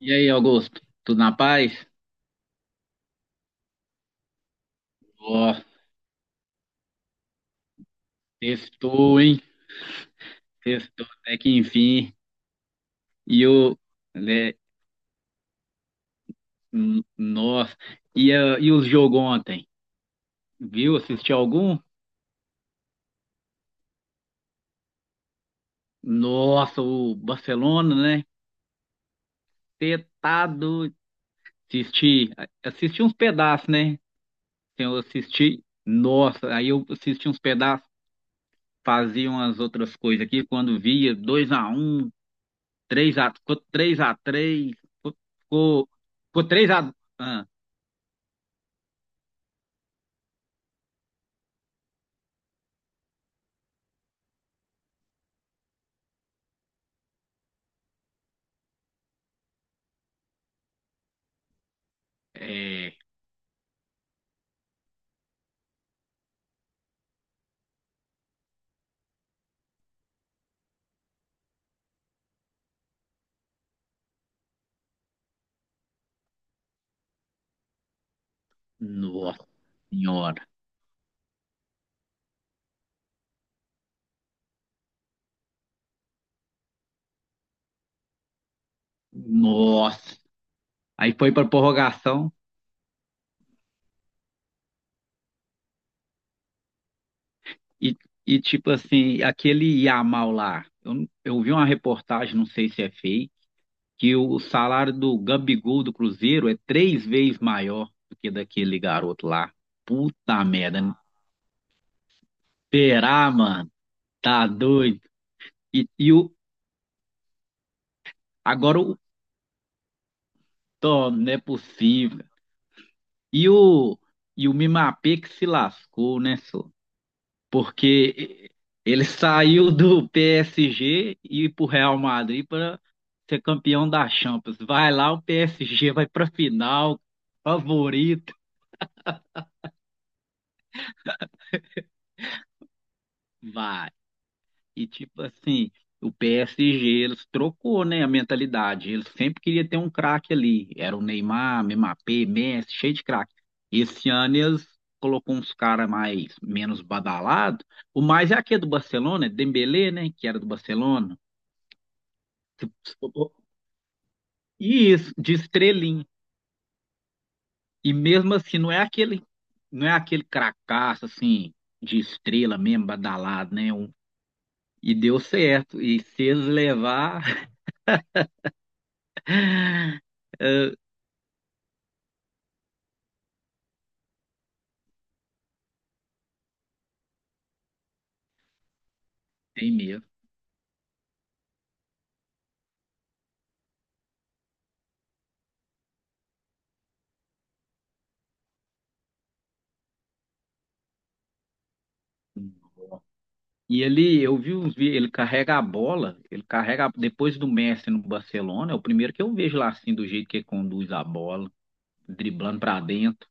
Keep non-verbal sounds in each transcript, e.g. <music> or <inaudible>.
E aí, Augusto? Tudo na paz? Ó, testou, hein? Testou até que enfim. E o, né. Nossa. E os jogos ontem? Viu? Assistiu algum? Nossa, o Barcelona, né? Cê tá doido. Assisti, assisti uns pedaços, né? Eu assisti, nossa, aí eu assisti uns pedaços, fazia umas outras coisas aqui, quando via 2-1, três a 3, ficou três x 3, ficou, ficou 3x... É, nossa senhora. Nossa. Aí foi pra prorrogação e, e tipo assim, aquele Yamal lá. Eu vi uma reportagem, não sei se é fake, que o salário do Gabigol do Cruzeiro é três vezes maior do que daquele garoto lá. Puta merda. Será, mano? Tá doido. E, e o, Agora o Tom, não é possível. E o, e o Mimapé que se lascou, né, senhor? Porque ele saiu do PSG e para o Real Madrid para ser campeão da Champions. Vai lá, o PSG vai para final, favorito, vai. E tipo assim, o PSG eles trocou, né, a mentalidade. Eles sempre queria ter um craque ali. Era o Neymar, Mbappé, Messi, cheio de craque. Esse ano eles colocou uns caras mais menos badalados. O mais é aquele do Barcelona, é Dembélé, né, que era do Barcelona. E isso, de estrelinha. E mesmo assim, não é aquele cracaço assim, de estrela mesmo, badalado, né? E deu certo. E se eles levar, <laughs> tem mesmo. E ele, eu vi uns vídeos, ele carrega a bola, depois do Messi no Barcelona, é o primeiro que eu vejo lá assim, do jeito que ele conduz a bola, driblando pra dentro.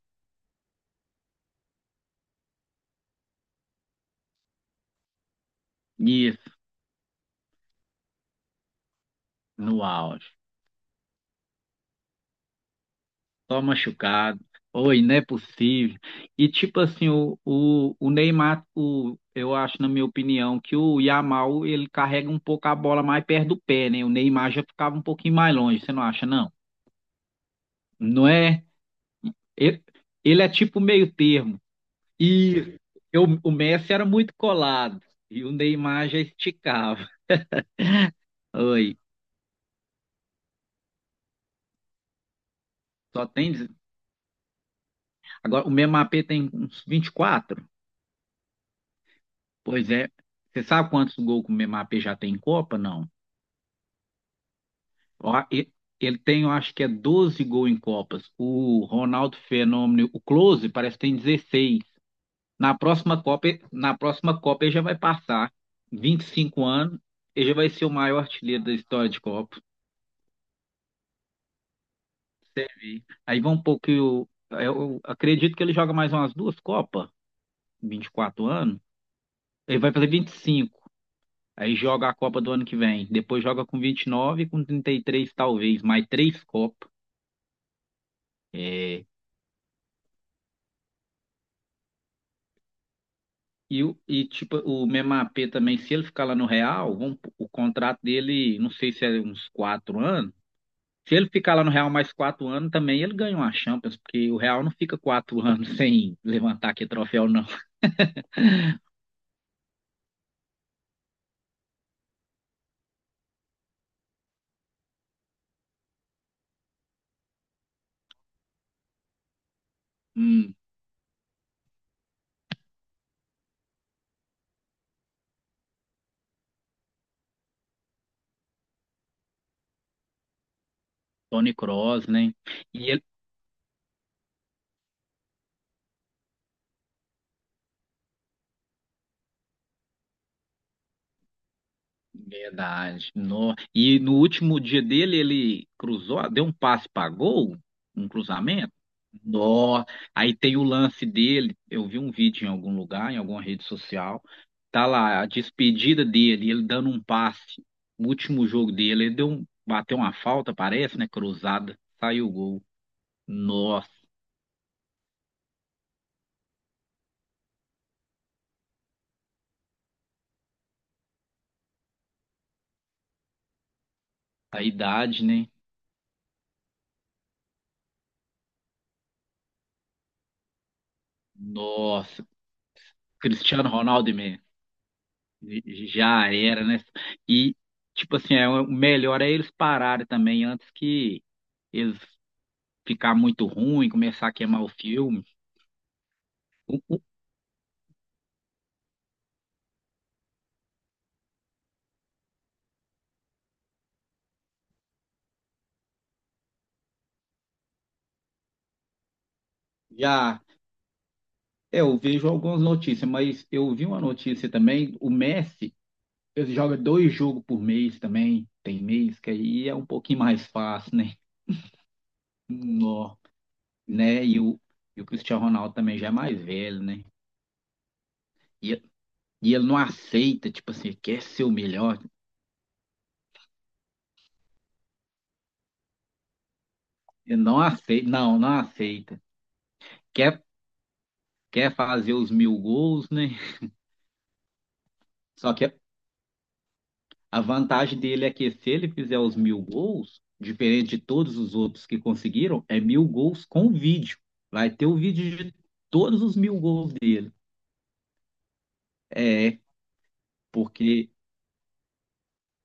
Isso, no auge. Só machucado. Oi, não é possível. E tipo assim, o Neymar, eu acho, na minha opinião, que o Yamal ele carrega um pouco a bola mais perto do pé, né? O Neymar já ficava um pouquinho mais longe, você não acha, não? Não é? Ele, ele é tipo meio termo. E o Messi era muito colado e o Neymar já esticava. Oi, só tem. Agora, o Memapê tem uns vinte e quatro. Pois é. Você sabe quantos gols que o Memapê já tem em Copa? Não. Ó. Ele tem, eu acho que é 12 gols em Copas. O Ronaldo Fenômeno, o Close, parece que tem 16. Na próxima Copa ele já vai passar 25 anos, ele já vai ser o maior artilheiro da história de Copa. Você vê. Aí vão um pouco. Eu acredito que ele joga mais umas duas Copas, 24 anos. Ele vai fazer 25. Aí joga a Copa do ano que vem. Depois joga com 29, com 33 talvez, mais três Copas. E tipo, o mesmo AP também, se ele ficar lá no Real, o contrato dele, não sei se é uns 4 anos. Se ele ficar lá no Real mais 4 anos, também ele ganha uma Champions, porque o Real não fica quatro <laughs> anos sem levantar aqui troféu, não. <laughs> Hum, Toni Kroos, né? E Verdade. E no último dia dele, ele cruzou, deu um passe para gol, um cruzamento. No... Aí tem o lance dele. Eu vi um vídeo em algum lugar, em alguma rede social. Tá lá a despedida dele, ele dando um passe. No último jogo dele, ele bateu uma falta, parece, né? Cruzada, saiu o gol. Nossa, a idade, né? Nossa, Cristiano Ronaldo mesmo. Já era, né? E, tipo assim, é, o melhor é eles pararem também antes que eles ficar muito ruim, começar a queimar o filme. O- o- Já, é, eu vejo algumas notícias, mas eu vi uma notícia também, o Messi, ele joga dois jogos por mês também, tem mês que aí é um pouquinho mais fácil, né? Nó, né? E o Cristiano Ronaldo também já é mais velho, né? E, e ele não aceita, tipo assim, quer ser o melhor, ele não aceita, não, não aceita. quer, quer fazer os 1.000 gols, né? Só que a vantagem dele é que se ele fizer os 1.000 gols, diferente de todos os outros que conseguiram, é mil gols com vídeo. Vai ter o vídeo de todos os 1.000 gols dele. É, porque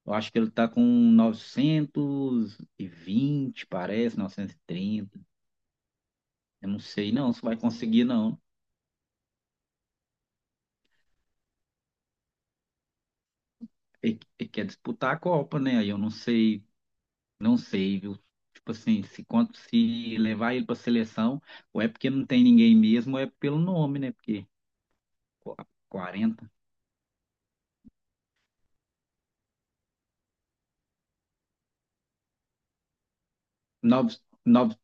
eu acho que ele tá com 920 parece, 930. Eu não sei não se vai conseguir, não. Ele quer disputar a Copa, né? Aí eu não sei Não sei, viu? Tipo assim, se levar ele para seleção, ou é porque não tem ninguém mesmo, ou é pelo nome, né? Porque qu- 40, nove nove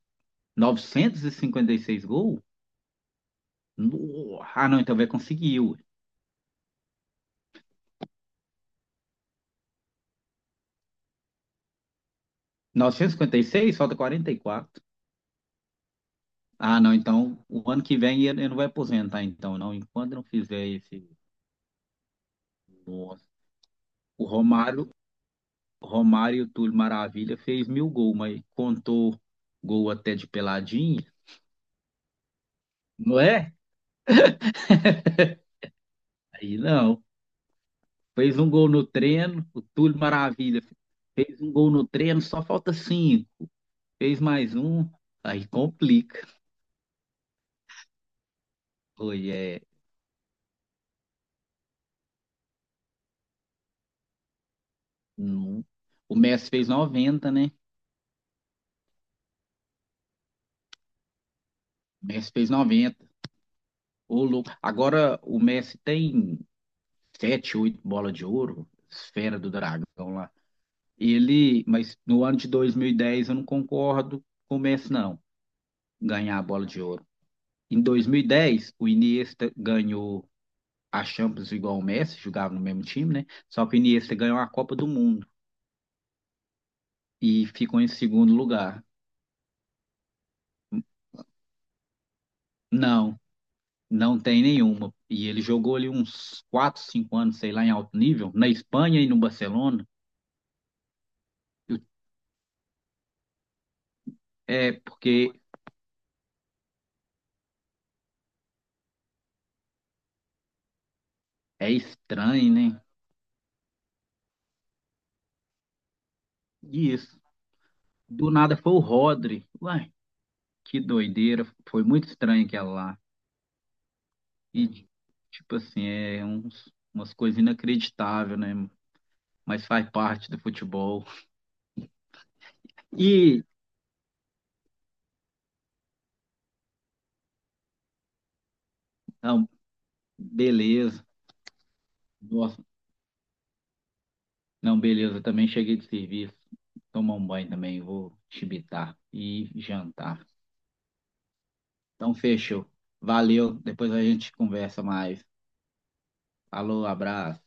956 gols? Ah, não, então vai conseguir. Ué. 956, falta 44. Ah, não, então o ano que vem ele não vai aposentar, então, não. Enquanto não fizer esse. Nossa. O Romário, o Romário e o Túlio Maravilha fez 1.000 gols, mas contou gol até de peladinha, não é? Aí não. Fez um gol no treino, o Túlio Maravilha. Fez um gol no treino, só falta cinco. Fez mais um, aí complica. Foi, é, não- O Messi fez 90, né? O Messi fez noventa. Ô, louco. Agora o Messi tem sete, oito bolas de ouro, esfera do dragão lá. Mas no ano de 2010 eu não concordo com o Messi, não, ganhar a bola de ouro. Em 2010 o Iniesta ganhou a Champions igual o Messi, jogava no mesmo time, né? Só que o Iniesta ganhou a Copa do Mundo e ficou em segundo lugar. Não, não tem nenhuma. E ele jogou ali uns 4, 5 anos, sei lá, em alto nível, na Espanha e no Barcelona. Eu- É porque é estranho, né? E isso. Do nada foi o Rodri. Uai, que doideira. Foi muito estranho aquela lá. E, tipo assim, é uns, umas coisas inacreditáveis, né? Mas faz parte do futebol. E ah, Beleza. Nossa, não, beleza. Também cheguei de serviço. Tomar um banho também. Vou chibitar e jantar. Então, fechou. Valeu. Depois a gente conversa mais. Falou, abraço.